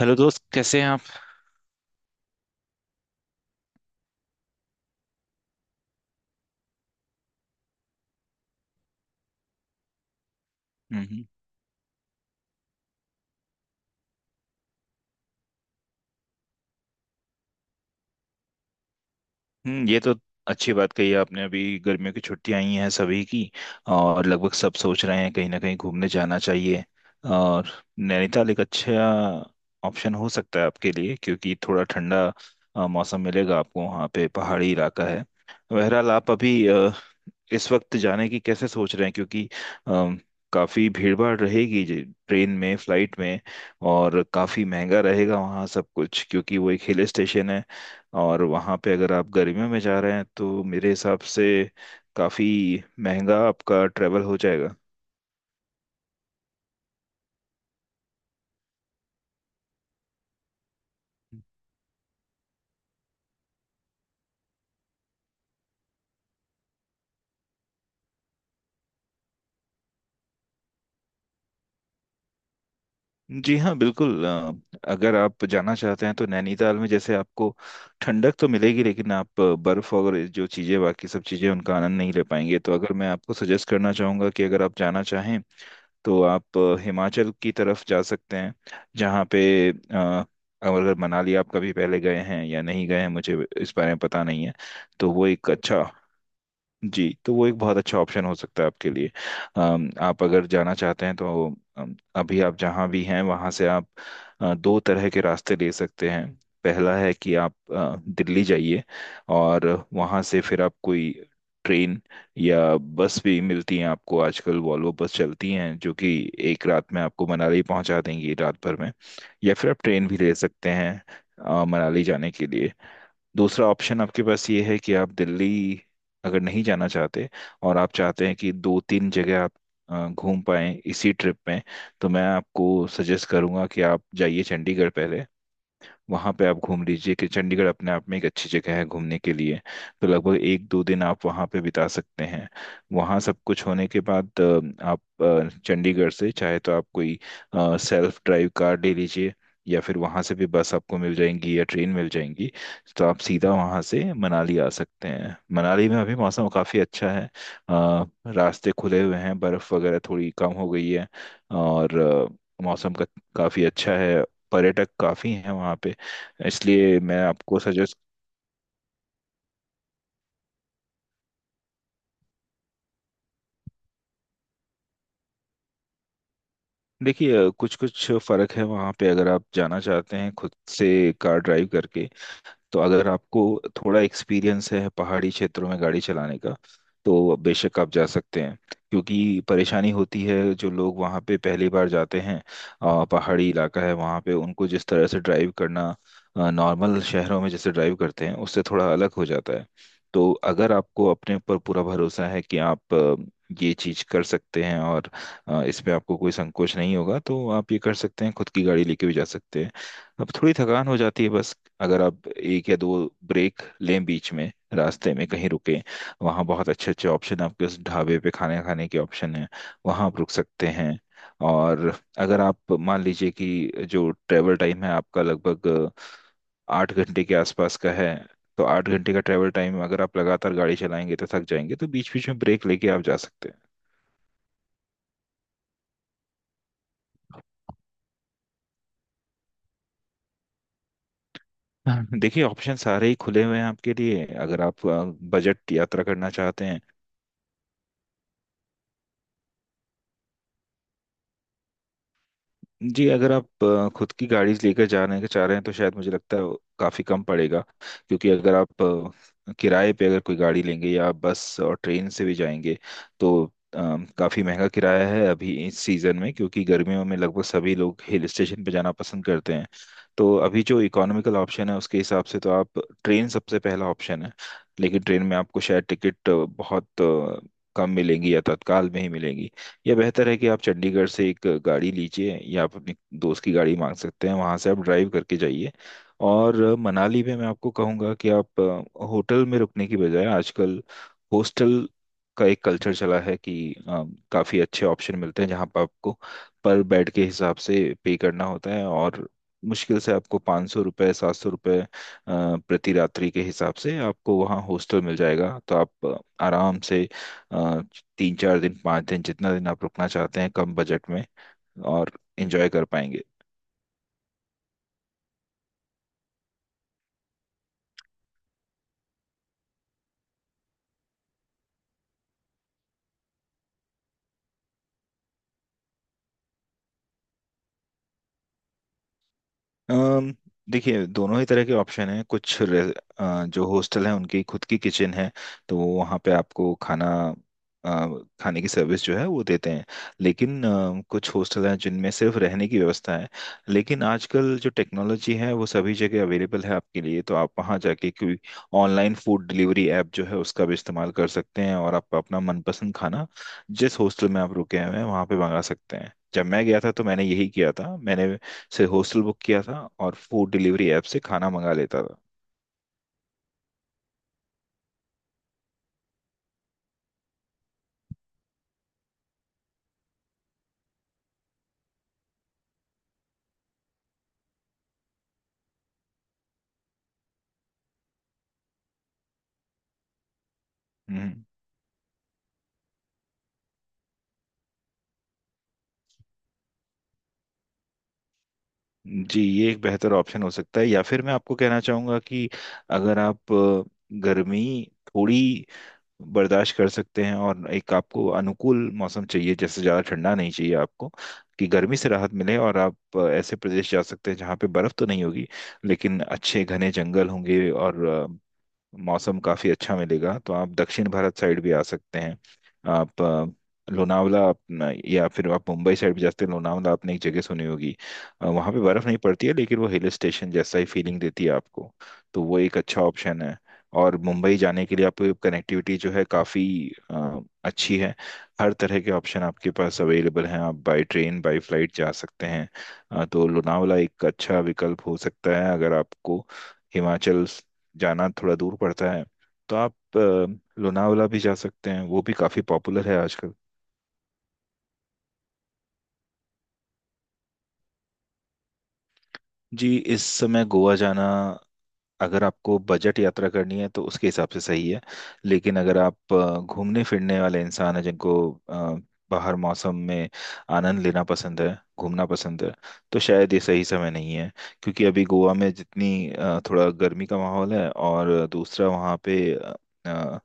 Hello दोस्त, कैसे हैं आप? हम्म हम्म, ये तो अच्छी बात कही आपने। अभी गर्मियों की छुट्टियां आई हैं सभी की, और लगभग सब सोच रहे हैं कहीं ना कहीं घूमने जाना चाहिए। और नैनीताल एक अच्छा ऑप्शन हो सकता है आपके लिए, क्योंकि थोड़ा ठंडा मौसम मिलेगा आपको, वहाँ पे पहाड़ी इलाका है। बहरहाल, आप अभी इस वक्त जाने की कैसे सोच रहे हैं, क्योंकि अम, काफी भीड़ भाड़ रहेगी, ट्रेन में, फ्लाइट में, और काफी महंगा रहेगा वहाँ सब कुछ, क्योंकि वो एक हिल स्टेशन है। और वहाँ पे अगर आप गर्मियों में जा रहे हैं, तो मेरे हिसाब से काफी महंगा आपका ट्रेवल हो जाएगा। जी हाँ, बिल्कुल। अगर आप जाना चाहते हैं तो नैनीताल में जैसे आपको ठंडक तो मिलेगी, लेकिन आप बर्फ़ और ये जो चीज़ें, बाकी सब चीज़ें, उनका आनंद नहीं ले पाएंगे। तो अगर मैं आपको सजेस्ट करना चाहूँगा कि अगर आप जाना चाहें तो आप हिमाचल की तरफ जा सकते हैं, जहाँ पे अगर मनाली आप कभी पहले गए हैं या नहीं गए हैं, मुझे इस बारे में पता नहीं है। तो वो एक अच्छा, जी तो वो एक बहुत अच्छा ऑप्शन हो सकता है आपके लिए। आप अगर जाना चाहते हैं तो अभी आप जहाँ भी हैं वहाँ से आप दो तरह के रास्ते ले सकते हैं। पहला है कि आप दिल्ली जाइए, और वहाँ से फिर आप कोई ट्रेन या बस भी मिलती है आपको, आजकल वॉल्वो बस चलती हैं जो कि एक रात में आपको मनाली पहुँचा देंगी, रात भर में। या फिर आप ट्रेन भी ले सकते हैं मनाली जाने के लिए। दूसरा ऑप्शन आपके पास ये है कि आप दिल्ली अगर नहीं जाना चाहते, और आप चाहते हैं कि दो तीन जगह आप घूम पाएं इसी ट्रिप में, तो मैं आपको सजेस्ट करूंगा कि आप जाइए चंडीगढ़ पहले। वहाँ पे आप घूम लीजिए, कि चंडीगढ़ अपने आप में एक अच्छी जगह है घूमने के लिए। तो लगभग एक दो दिन आप वहाँ पे बिता सकते हैं। वहाँ सब कुछ होने के बाद आप चंडीगढ़ से, चाहे तो आप कोई सेल्फ ड्राइव कार ले लीजिए, या फिर वहाँ से भी बस आपको मिल जाएंगी या ट्रेन मिल जाएंगी। तो आप सीधा वहाँ से मनाली आ सकते हैं। मनाली में अभी मौसम काफ़ी अच्छा है, अ, रास्ते खुले हुए हैं, बर्फ़ वगैरह थोड़ी कम हो गई है, और मौसम का काफ़ी अच्छा है, पर्यटक काफ़ी हैं वहाँ पे। इसलिए मैं आपको सजेस्ट, देखिए कुछ कुछ फर्क है वहाँ पे। अगर आप जाना चाहते हैं खुद से कार ड्राइव करके, तो अगर आपको थोड़ा एक्सपीरियंस है पहाड़ी क्षेत्रों में गाड़ी चलाने का, तो बेशक आप जा सकते हैं। क्योंकि परेशानी होती है जो लोग वहाँ पे पहली बार जाते हैं, पहाड़ी इलाका है वहाँ पे, उनको जिस तरह से ड्राइव करना नॉर्मल शहरों में जैसे ड्राइव करते हैं, उससे थोड़ा अलग हो जाता है। तो अगर आपको अपने ऊपर पूरा भरोसा है कि आप ये चीज कर सकते हैं, और इसमें आपको कोई संकोच नहीं होगा, तो आप ये कर सकते हैं, खुद की गाड़ी लेके भी जा सकते हैं। अब थोड़ी थकान हो जाती है बस। अगर आप एक या दो ब्रेक लें, बीच में रास्ते में कहीं रुकें, वहाँ बहुत अच्छे अच्छे ऑप्शन हैं आपके, उस ढाबे पे खाने खाने के ऑप्शन हैं, वहाँ आप रुक सकते हैं। और अगर आप मान लीजिए कि जो ट्रैवल टाइम है आपका, लगभग आठ घंटे के आसपास का है, तो आठ घंटे का ट्रैवल टाइम अगर आप लगातार गाड़ी चलाएंगे तो थक जाएंगे, तो बीच बीच में ब्रेक लेके आप जा सकते हैं। हाँ, देखिए ऑप्शन सारे ही खुले हुए हैं आपके लिए। अगर आप बजट यात्रा करना चाहते हैं, जी अगर आप खुद की गाड़ी लेकर जाने के चाह रहे हैं, तो शायद मुझे लगता है वो काफ़ी कम पड़ेगा। क्योंकि अगर आप किराए पे अगर कोई गाड़ी लेंगे, या आप बस और ट्रेन से भी जाएंगे, तो काफ़ी महंगा किराया है अभी इस सीज़न में, क्योंकि गर्मियों में लगभग सभी लोग हिल स्टेशन पे जाना पसंद करते हैं। तो अभी जो इकोनॉमिकल ऑप्शन है उसके हिसाब से तो आप, ट्रेन सबसे पहला ऑप्शन है। लेकिन ट्रेन में आपको शायद टिकट बहुत कम मिलेंगी, या तत्काल में ही मिलेंगी। या बेहतर है कि आप चंडीगढ़ से एक गाड़ी लीजिए, या आप अपने दोस्त की गाड़ी मांग सकते हैं, वहां से आप ड्राइव करके जाइए। और मनाली में मैं आपको कहूँगा कि आप होटल में रुकने की बजाय, आजकल हॉस्टल का एक कल्चर चला है कि काफी अच्छे ऑप्शन मिलते हैं, जहाँ पर आपको पर बेड के हिसाब से पे करना होता है, और मुश्किल से आपको पाँच सौ रुपये, सात सौ रुपये प्रति रात्रि के हिसाब से आपको वहाँ हॉस्टल मिल जाएगा। तो आप आराम से तीन चार दिन, पाँच दिन, जितना दिन आप रुकना चाहते हैं, कम बजट में, और इंजॉय कर पाएंगे। अम, देखिए दोनों ही तरह के ऑप्शन हैं। कुछ जो हॉस्टल हैं, उनकी खुद की किचन है, तो वो वहाँ पे आपको खाना, अ, खाने की सर्विस जो है वो देते हैं। लेकिन कुछ हॉस्टल हैं जिनमें सिर्फ रहने की व्यवस्था है। लेकिन आजकल जो टेक्नोलॉजी है वो सभी जगह अवेलेबल है आपके लिए, तो आप वहाँ जाके कोई ऑनलाइन फूड डिलीवरी ऐप जो है उसका भी इस्तेमाल कर सकते हैं, और आप अपना मनपसंद खाना जिस हॉस्टल में आप रुके हुए हैं वहाँ पे मंगा सकते हैं। जब मैं गया था तो मैंने यही किया था, मैंने से हॉस्टल बुक किया था और फूड डिलीवरी ऐप से खाना मंगा लेता था। हम्म, जी ये एक बेहतर ऑप्शन हो सकता है। या फिर मैं आपको कहना चाहूँगा कि अगर आप गर्मी थोड़ी बर्दाश्त कर सकते हैं, और एक आपको अनुकूल मौसम चाहिए, जैसे ज़्यादा ठंडा नहीं चाहिए आपको, कि गर्मी से राहत मिले, और आप ऐसे प्रदेश जा सकते हैं जहाँ पे बर्फ़ तो नहीं होगी, लेकिन अच्छे घने जंगल होंगे और मौसम काफ़ी अच्छा मिलेगा। तो आप दक्षिण भारत साइड भी आ सकते हैं। आप अ, लोनावला, अपना- या फिर आप मुंबई साइड भी जा सकते हैं। लोनावला आपने एक जगह सुनी होगी, वहाँ पे बर्फ़ नहीं पड़ती है लेकिन वो हिल स्टेशन जैसा ही फीलिंग देती है आपको। तो वो एक अच्छा ऑप्शन है। और मुंबई जाने के लिए आपको कनेक्टिविटी जो है, काफ़ी अच्छी है। हर तरह के ऑप्शन आपके पास अवेलेबल हैं, आप बाई ट्रेन, बाई फ्लाइट जा सकते हैं। तो लोनावला एक अच्छा विकल्प हो सकता है। अगर आपको हिमाचल जाना थोड़ा दूर पड़ता है, तो आप लोनावला भी जा सकते हैं, वो भी काफ़ी पॉपुलर है आजकल। जी इस समय गोवा जाना, अगर आपको बजट यात्रा करनी है तो उसके हिसाब से सही है। लेकिन अगर आप घूमने फिरने वाले इंसान हैं, जिनको अ, बाहर मौसम में आनंद लेना पसंद है, घूमना पसंद है, तो शायद ये सही समय नहीं है। क्योंकि अभी गोवा में जितनी थोड़ा गर्मी का माहौल है, और दूसरा वहाँ पे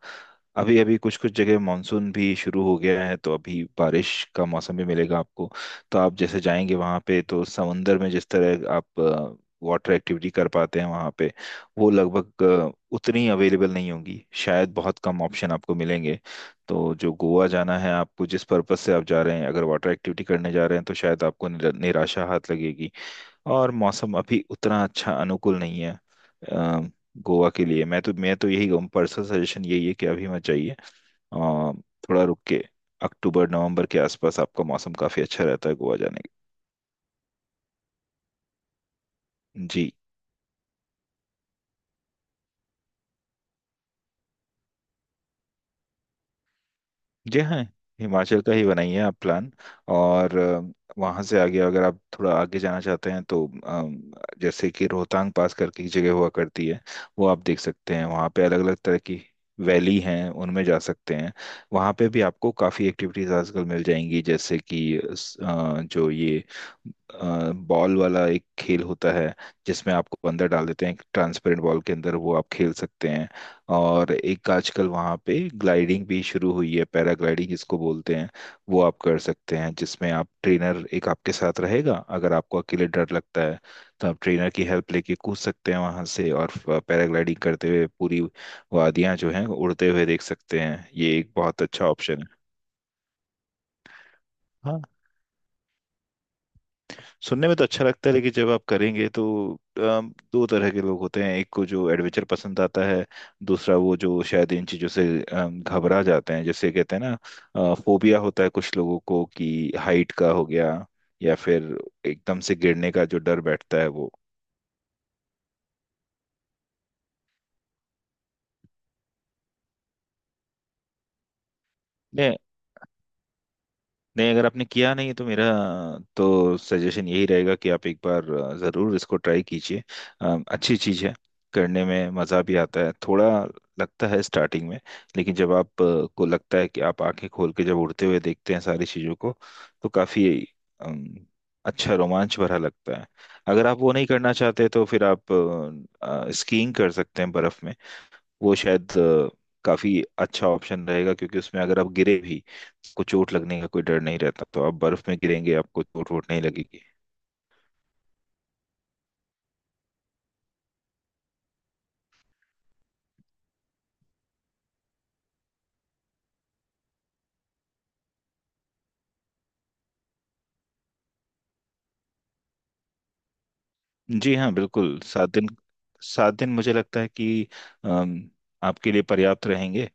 अभी अभी कुछ कुछ जगह मानसून भी शुरू हो गया है, तो अभी बारिश का मौसम भी मिलेगा आपको। तो आप जैसे जाएंगे वहाँ पे, तो समंदर में जिस तरह आप वाटर एक्टिविटी कर पाते हैं वहाँ पे, वो लगभग उतनी अवेलेबल नहीं होंगी, शायद बहुत कम ऑप्शन आपको मिलेंगे। तो जो गोवा जाना है आपको, जिस पर्पस से आप जा रहे हैं, अगर वाटर एक्टिविटी करने जा रहे हैं तो शायद आपको निराशा हाथ लगेगी। और मौसम अभी उतना अच्छा अनुकूल नहीं है अ, गोवा के लिए। मैं तो यही कहूँ, पर्सनल सजेशन यही है कि अभी मत जाइए। थोड़ा रुक के अक्टूबर नवंबर के आसपास आपका मौसम काफी अच्छा रहता है गोवा जाने का। जी, जी हाँ, हिमाचल का ही बनाइए आप प्लान। और वहां से आगे अगर आप थोड़ा आगे जाना चाहते हैं तो जैसे कि रोहतांग पास करके एक जगह हुआ करती है, वो आप देख सकते हैं। वहाँ पे अलग अलग तरह की वैली हैं, उनमें जा सकते हैं। वहाँ पे भी आपको काफ़ी एक्टिविटीज आजकल मिल जाएंगी, जैसे कि जो ये बॉल वाला एक खेल होता है जिसमें आपको अंदर डाल देते हैं एक ट्रांसपेरेंट बॉल के अंदर, वो आप खेल सकते हैं। और एक आजकल वहाँ पे ग्लाइडिंग भी शुरू हुई है, पैराग्लाइडिंग जिसको बोलते हैं, वो आप कर सकते हैं, जिसमें आप ट्रेनर एक आपके साथ रहेगा अगर आपको अकेले डर लगता है। तो आप ट्रेनर की हेल्प लेके कूद सकते हैं वहाँ से, और पैराग्लाइडिंग करते हुए पूरी वादियाँ जो हैं उड़ते हुए देख सकते हैं, ये एक बहुत अच्छा ऑप्शन है। सुनने में तो अच्छा लगता है, लेकिन जब आप करेंगे तो, दो तरह के लोग होते हैं, एक को जो एडवेंचर पसंद आता है, दूसरा वो जो शायद इन चीज़ों से घबरा जाते हैं। जैसे कहते हैं ना फोबिया होता है कुछ लोगों को, कि हाइट का हो गया, या फिर एकदम से गिरने का जो डर बैठता है वो। नहीं, अगर आपने किया नहीं तो मेरा तो सजेशन यही रहेगा कि आप एक बार ज़रूर इसको ट्राई कीजिए। अच्छी चीज़ है, करने में मज़ा भी आता है, थोड़ा लगता है स्टार्टिंग में, लेकिन जब आप को लगता है कि आप आंखें खोल के जब उड़ते हुए देखते हैं सारी चीज़ों को, तो काफ़ी अम, अच्छा रोमांच भरा लगता है। अगर आप वो नहीं करना चाहते तो फिर आप स्कीइंग कर सकते हैं बर्फ़ में, वो शायद काफी अच्छा ऑप्शन रहेगा, क्योंकि उसमें अगर आप गिरे भी, आपको चोट लगने का कोई डर नहीं रहता, तो आप बर्फ में गिरेंगे आपको चोट वोट नहीं लगेगी। जी हाँ, बिल्कुल। सात दिन, सात दिन मुझे लगता है कि अम, आपके लिए पर्याप्त रहेंगे,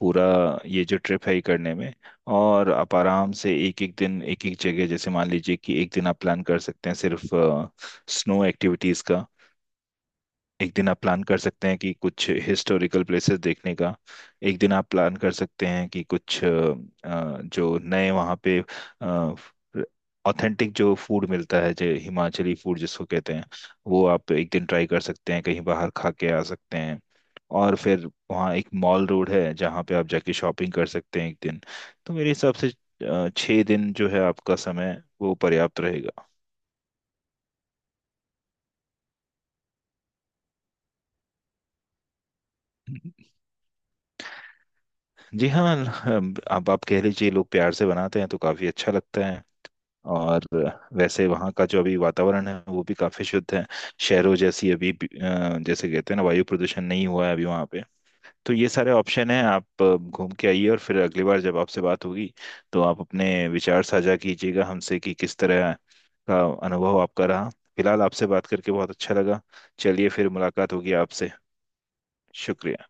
पूरा ये जो ट्रिप है ये करने में। और आप आराम से एक एक दिन एक एक जगह, जैसे मान लीजिए कि एक दिन आप प्लान कर सकते हैं सिर्फ स्नो एक्टिविटीज का, एक दिन आप प्लान कर सकते हैं कि कुछ हिस्टोरिकल प्लेसेस देखने का, एक दिन आप प्लान कर सकते हैं कि कुछ जो नए वहाँ पे ऑथेंटिक जो फूड मिलता है, जो हिमाचली फूड जिसको कहते हैं, वो आप एक दिन ट्राई कर सकते हैं, कहीं बाहर खा के आ सकते हैं। और फिर वहाँ एक मॉल रोड है जहाँ पे आप जाके शॉपिंग कर सकते हैं एक दिन। तो मेरे हिसाब से छः दिन जो है आपका समय वो पर्याप्त रहेगा। जी हाँ, आप कह लीजिए, लोग प्यार से बनाते हैं तो काफी अच्छा लगता है। और वैसे वहाँ का जो अभी वातावरण है वो भी काफी शुद्ध है, शहरों जैसी अभी जैसे कहते हैं ना, वायु प्रदूषण नहीं हुआ है अभी वहाँ पे। तो ये सारे ऑप्शन हैं, आप घूम के आइए, और फिर अगली बार जब आपसे बात होगी तो आप अपने विचार साझा कीजिएगा हमसे कि किस तरह का अनुभव आपका रहा। फिलहाल आपसे बात करके बहुत अच्छा लगा। चलिए, फिर मुलाकात होगी आपसे। शुक्रिया।